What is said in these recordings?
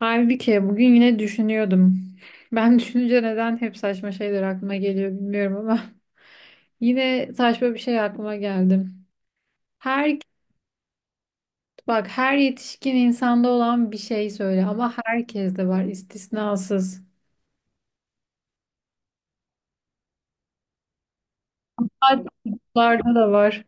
Halbuki bugün yine düşünüyordum. Ben düşününce neden hep saçma şeyler aklıma geliyor bilmiyorum ama yine saçma bir şey aklıma geldi. Her Bak, her yetişkin insanda olan bir şey söyle ama herkeste var, istisnasız. Hatta çocuklarda da var.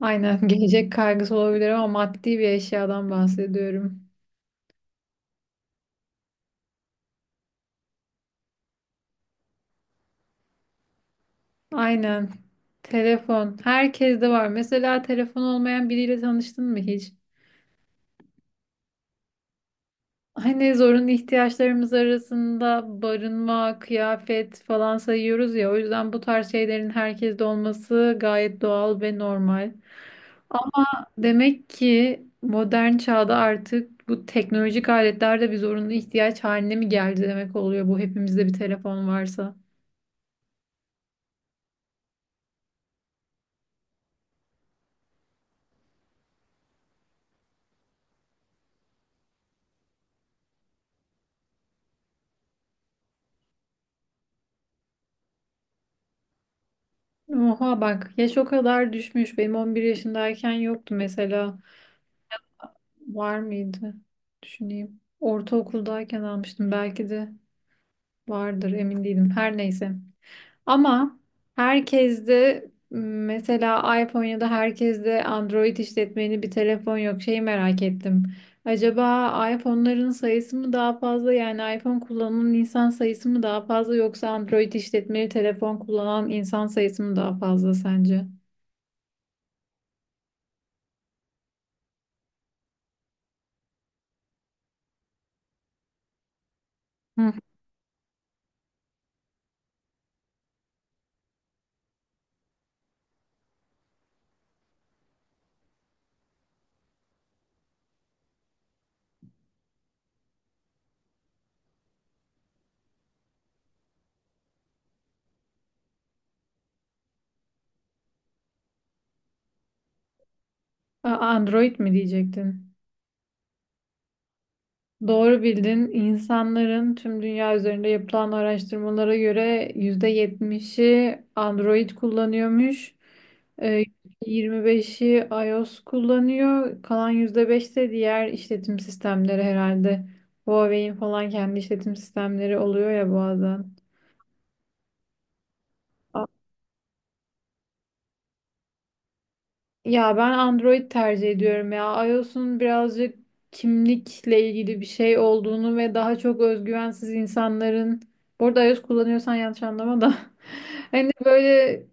Aynen, gelecek kaygısı olabilir ama maddi bir eşyadan bahsediyorum. Aynen. Telefon. Herkeste var. Mesela telefon olmayan biriyle tanıştın mı hiç? Hani zorunlu ihtiyaçlarımız arasında barınma, kıyafet falan sayıyoruz ya. O yüzden bu tarz şeylerin herkeste olması gayet doğal ve normal. Ama demek ki modern çağda artık bu teknolojik aletler de bir zorunlu ihtiyaç haline mi geldi demek oluyor bu, hepimizde bir telefon varsa. Oha, bak, yaş o kadar düşmüş. Benim 11 yaşındayken yoktu mesela. Var mıydı? Düşüneyim. Ortaokuldayken almıştım, belki de vardır, emin değilim. Her neyse. Ama herkes de mesela iPhone ya da herkes de Android işletmeni bir telefon yok. Şeyi merak ettim. Acaba iPhone'ların sayısı mı daha fazla, yani iPhone kullanan insan sayısı mı daha fazla, yoksa Android işletmeli telefon kullanan insan sayısı mı daha fazla sence? Hı. A- Android mi diyecektin? Doğru bildin. İnsanların, tüm dünya üzerinde yapılan araştırmalara göre, %70'i Android kullanıyormuş. Ee, 25'i iOS kullanıyor. Kalan %5 de diğer işletim sistemleri herhalde. Huawei'in falan kendi işletim sistemleri oluyor ya bazen. Ya ben Android tercih ediyorum ya. iOS'un birazcık kimlikle ilgili bir şey olduğunu ve daha çok özgüvensiz insanların... Bu arada iOS kullanıyorsan yanlış anlama da. Hani böyle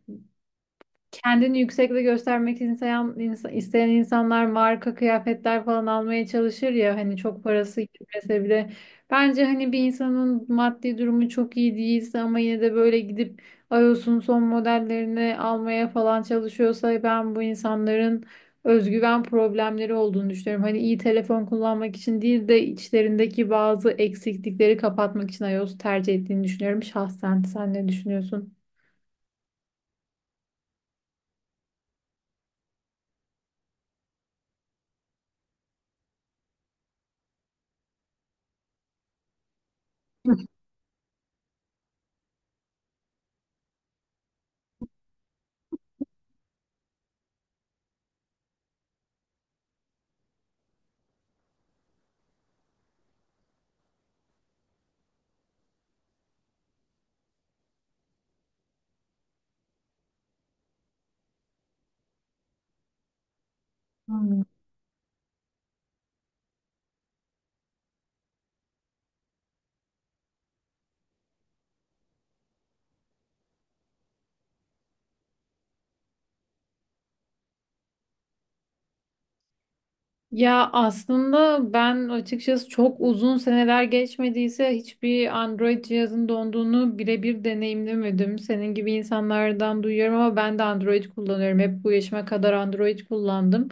kendini yüksekte göstermek isteyen, isteyen insanlar marka kıyafetler falan almaya çalışır ya, hani çok parası gitmese bile. Bence hani bir insanın maddi durumu çok iyi değilse ama yine de böyle gidip iOS'un son modellerini almaya falan çalışıyorsa, ben bu insanların özgüven problemleri olduğunu düşünüyorum. Hani iyi telefon kullanmak için değil de içlerindeki bazı eksiklikleri kapatmak için iOS tercih ettiğini düşünüyorum şahsen. Sen ne düşünüyorsun? Hmm. Ya aslında ben açıkçası, çok uzun seneler geçmediyse, hiçbir Android cihazın donduğunu birebir deneyimlemedim. Senin gibi insanlardan duyuyorum ama ben de Android kullanıyorum. Hep bu yaşıma kadar Android kullandım.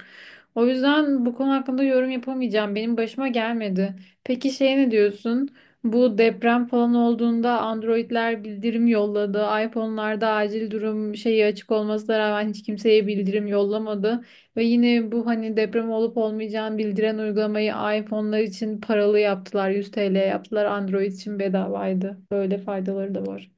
O yüzden bu konu hakkında yorum yapamayacağım. Benim başıma gelmedi. Peki şey, ne diyorsun? Bu deprem falan olduğunda Android'ler bildirim yolladı. iPhone'larda acil durum şeyi açık olmasına rağmen hiç kimseye bildirim yollamadı. Ve yine bu hani deprem olup olmayacağını bildiren uygulamayı iPhone'lar için paralı yaptılar. 100 TL yaptılar. Android için bedavaydı. Böyle faydaları da var.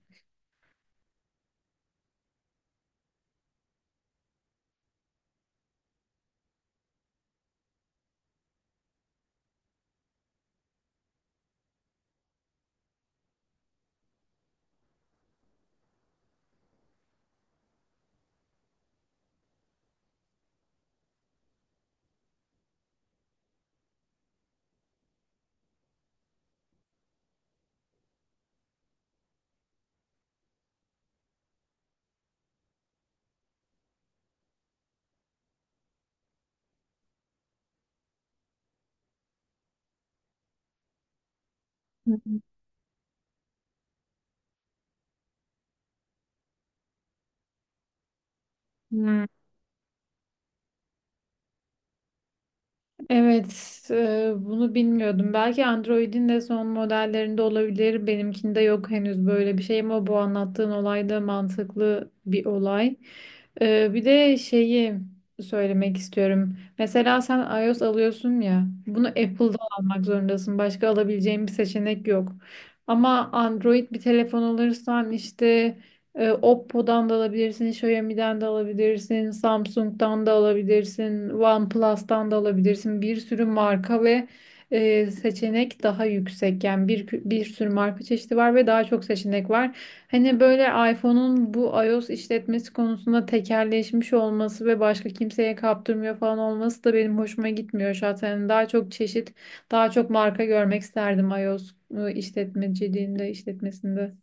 Hı hı. Hmm. Evet, bunu bilmiyordum. Belki Android'in de son modellerinde olabilir. Benimkinde yok henüz böyle bir şey ama bu anlattığın olay da mantıklı bir olay. Bir de şeyi söylemek istiyorum. Mesela sen iOS alıyorsun ya, bunu Apple'da almak zorundasın. Başka alabileceğin bir seçenek yok. Ama Android bir telefon alırsan, işte, Oppo'dan da alabilirsin, Xiaomi'den de alabilirsin, Samsung'dan da alabilirsin, OnePlus'tan da alabilirsin. Bir sürü marka ve seçenek, daha yüksek. Yani bir sürü marka çeşidi var ve daha çok seçenek var. Hani böyle iPhone'un bu iOS işletmesi konusunda tekelleşmiş olması ve başka kimseye kaptırmıyor falan olması da benim hoşuma gitmiyor zaten. Daha çok çeşit, daha çok marka görmek isterdim iOS işletmeciliğinde, işletmesinde.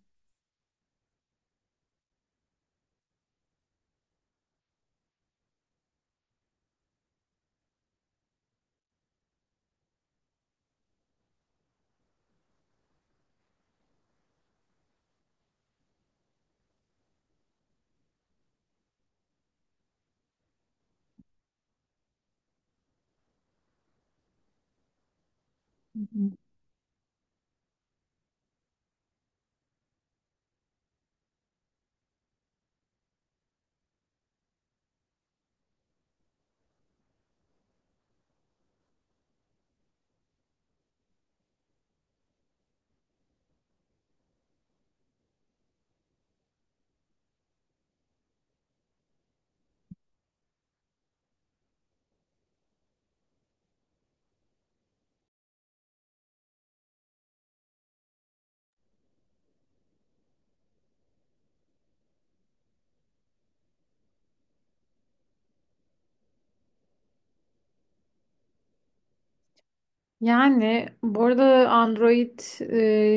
Yani bu arada Android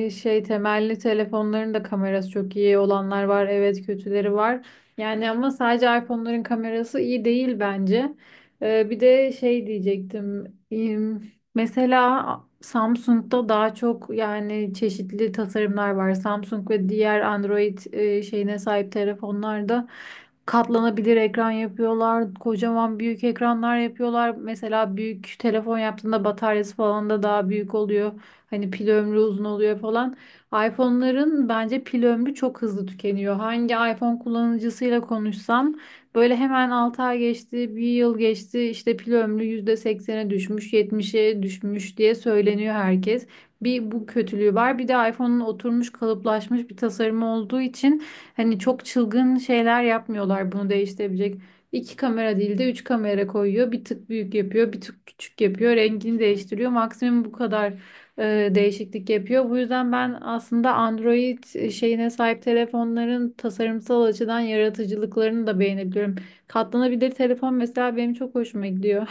şey temelli telefonların da kamerası çok iyi olanlar var. Evet, kötüleri var. Yani ama sadece iPhone'ların kamerası iyi değil bence. Bir de şey diyecektim. Mesela Samsung'da daha çok yani çeşitli tasarımlar var. Samsung ve diğer Android şeyine sahip telefonlarda. Katlanabilir ekran yapıyorlar. Kocaman büyük ekranlar yapıyorlar. Mesela büyük telefon yaptığında bataryası falan da daha büyük oluyor. Hani pil ömrü uzun oluyor falan. iPhone'ların bence pil ömrü çok hızlı tükeniyor. Hangi iPhone kullanıcısıyla konuşsam böyle hemen 6 ay geçti, bir yıl geçti, işte pil ömrü %80'e düşmüş, 70'e düşmüş diye söyleniyor herkes. Bir bu kötülüğü var. Bir de iPhone'un oturmuş, kalıplaşmış bir tasarımı olduğu için hani çok çılgın şeyler yapmıyorlar bunu değiştirebilecek. İki kamera değil de üç kamera koyuyor. Bir tık büyük yapıyor, bir tık küçük yapıyor. Rengini değiştiriyor. Maksimum bu kadar değişiklik yapıyor. Bu yüzden ben aslında Android şeyine sahip telefonların tasarımsal açıdan yaratıcılıklarını da beğenebiliyorum. Katlanabilir telefon mesela benim çok hoşuma gidiyor.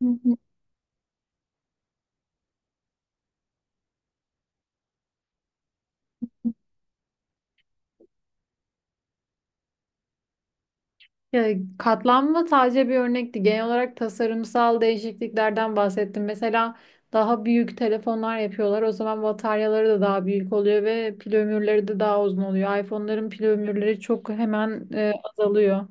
Ya, katlanma sadece bir örnekti. Genel olarak tasarımsal değişikliklerden bahsettim. Mesela daha büyük telefonlar yapıyorlar. O zaman bataryaları da daha büyük oluyor ve pil ömürleri de daha uzun oluyor. iPhone'ların pil ömürleri çok hemen azalıyor.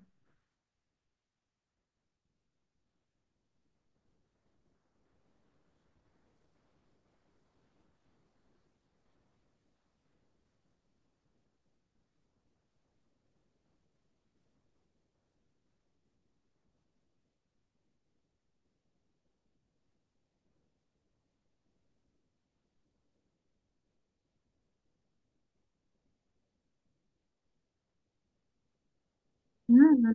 Hmm.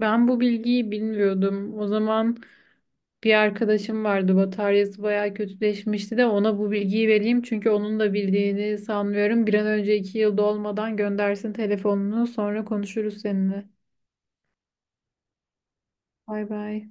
Ben bu bilgiyi bilmiyordum. O zaman bir arkadaşım vardı. Bataryası bayağı kötüleşmişti, de ona bu bilgiyi vereyim. Çünkü onun da bildiğini sanmıyorum. Bir an önce 2 yıl dolmadan göndersin telefonunu. Sonra konuşuruz seninle. Bay bay.